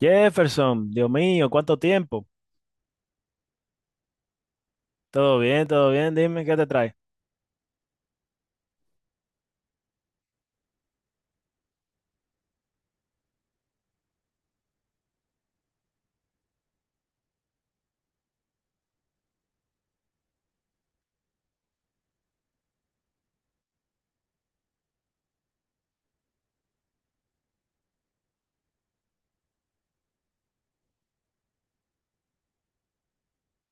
Jefferson, Dios mío, ¿cuánto tiempo? Todo bien, dime qué te trae.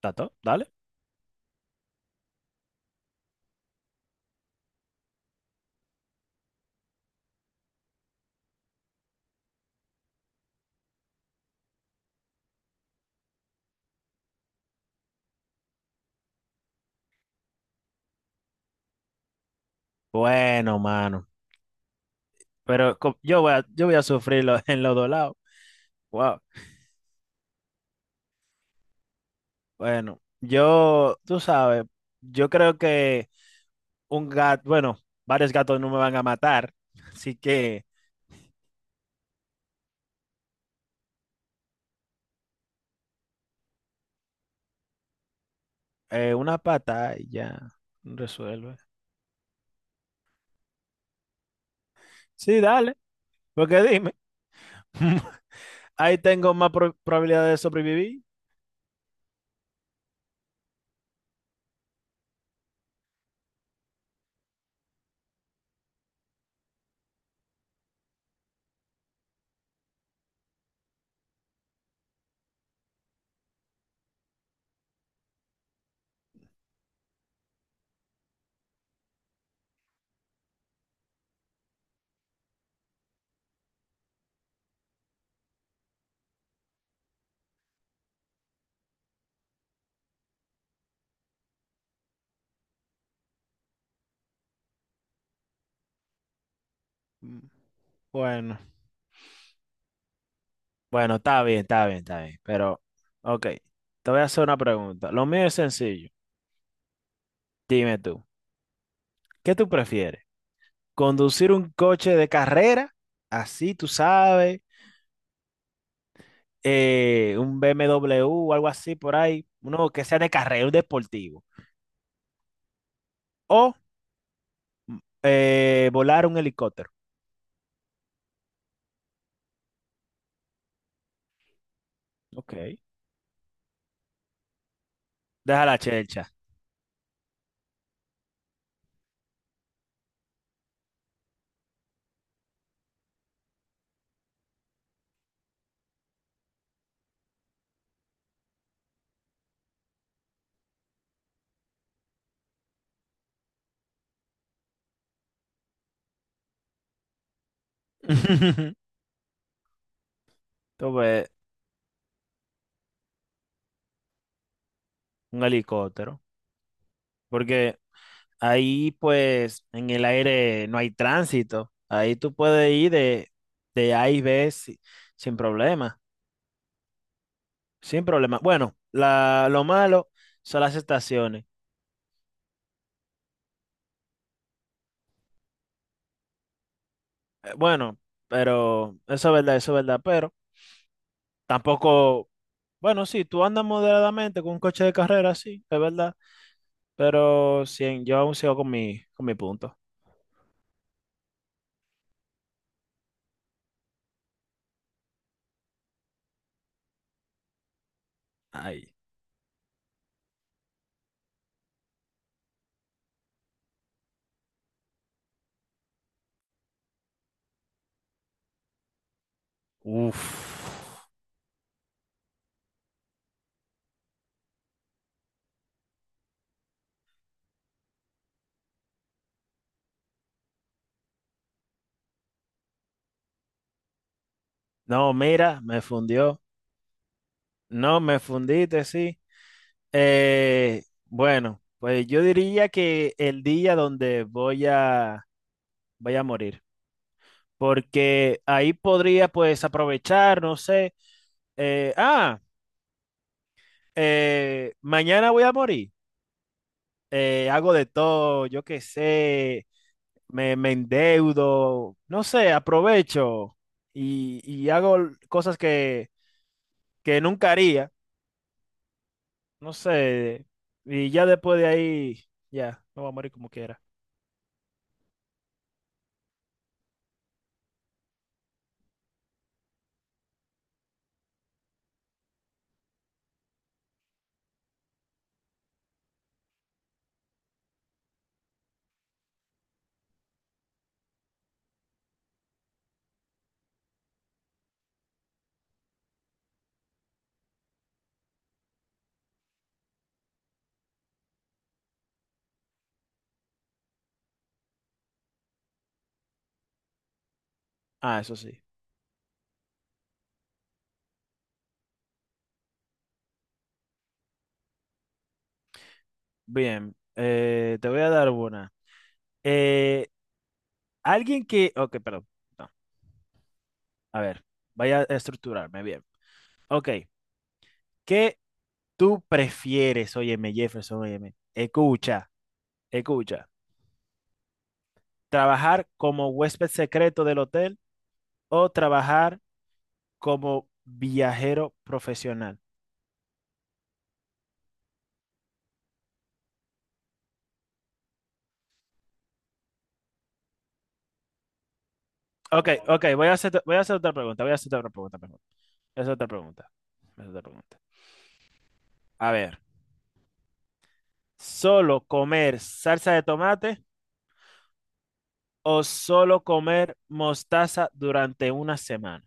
¿Tato? Dale. Bueno, mano, pero yo voy a sufrirlo en los dos lados. Wow. Bueno, yo, tú sabes, yo creo que un gato, bueno, varios gatos no me van a matar, así que una pata y ya resuelve. Sí, dale, porque dime, ahí tengo más probabilidad de sobrevivir. Mm. Bueno. Bueno, está bien, está bien, está bien. Pero, ok, te voy a hacer una pregunta. Lo mío es sencillo. Dime tú, ¿qué tú prefieres? ¿Conducir un coche de carrera? Así, tú sabes, un BMW o algo así por ahí, uno que sea de carrera, un deportivo. O mm, volar un helicóptero. Ok, deja la chelcha. Entonces, un helicóptero. Porque ahí pues en el aire no hay tránsito. Ahí tú puedes ir de A y B sin problema. Sin problema. Bueno, lo malo son las estaciones. Bueno, pero eso es verdad, eso es verdad. Pero tampoco, bueno, sí, tú andas moderadamente con un coche de carrera, sí, es verdad. Pero sí, yo aún sigo con con mi punto. Ay, uff. No, mira, me fundió. No, me fundiste, sí. Bueno, pues yo diría que el día donde voy a morir, porque ahí podría pues aprovechar, no sé, eh, ah, mañana voy a morir, hago de todo, yo qué sé, me endeudo, no sé, aprovecho y hago cosas que nunca haría, no sé, y ya después de ahí, ya, me voy a morir como quiera. Ah, eso sí. Bien, te voy a dar una. Eh, alguien que... Ok, perdón. No, a ver, vaya a estructurarme bien. Ok, ¿qué tú prefieres? Óyeme, Jefferson, óyeme. Escucha, escucha. ¿Trabajar como huésped secreto del hotel o trabajar como viajero profesional? Ok, ok, voy a hacer otra pregunta, voy a hacer otra pregunta, mejor. Voy a hacer otra pregunta. Voy a hacer otra pregunta. A ver, ¿solo comer salsa de tomate o solo comer mostaza durante una semana?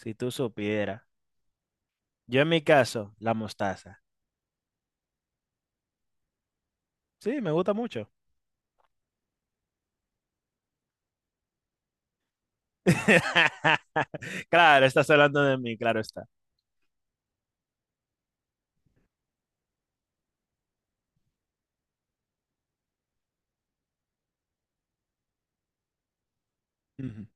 Si tú supieras. Yo en mi caso, la mostaza. Sí, me gusta mucho. Claro, estás hablando de mí, claro está. Ujú.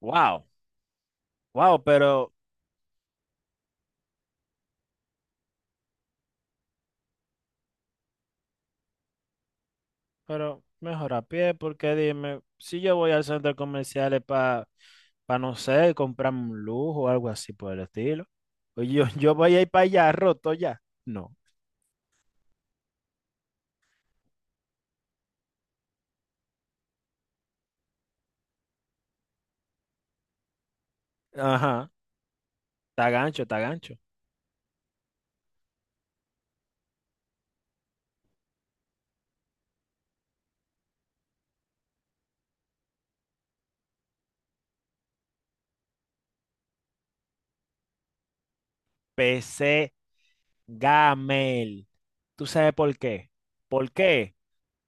Wow, wow, pero, mejor a pie, porque dime, si yo voy al centro comercial para, no sé, comprarme un lujo o algo así por el estilo. Oye, yo, yo voy a ir para allá roto ya. No. Ajá, está gancho, está gancho. PC Gamel. ¿Tú sabes por qué? ¿Por qué?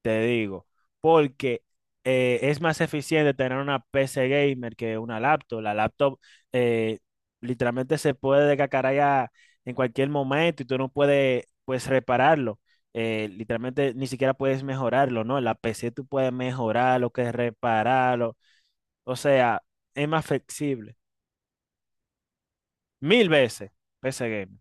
Te digo, porque es más eficiente tener una PC gamer que una laptop. La laptop eh, literalmente se puede descacarayar en cualquier momento y tú no puedes pues repararlo. Literalmente ni siquiera puedes mejorarlo, ¿no? La PC tú puedes mejorarlo, que repararlo. O sea, es más flexible. Mil veces PC gamer.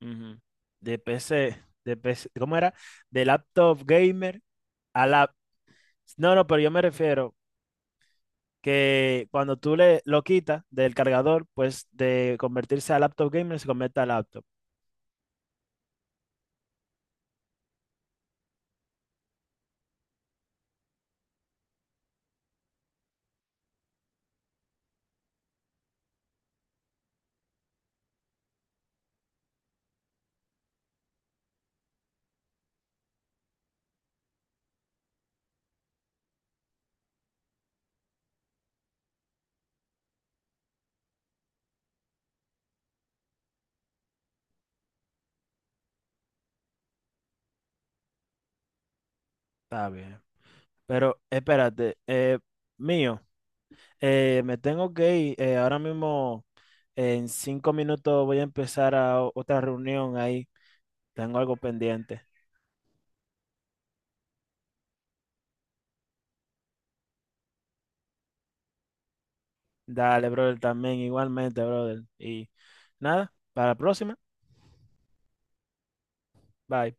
Ujú. De PC, de PC, ¿cómo era? De laptop gamer a lap. No, no, pero yo me refiero que cuando tú le lo quitas del cargador, pues de convertirse a laptop gamer se convierte a laptop. Está bien. Pero espérate, mío, me tengo que ir. Ahora mismo, en 5 minutos voy a empezar a otra reunión ahí. Tengo algo pendiente. Dale, brother, también igualmente, brother. Y nada, para la próxima. Bye.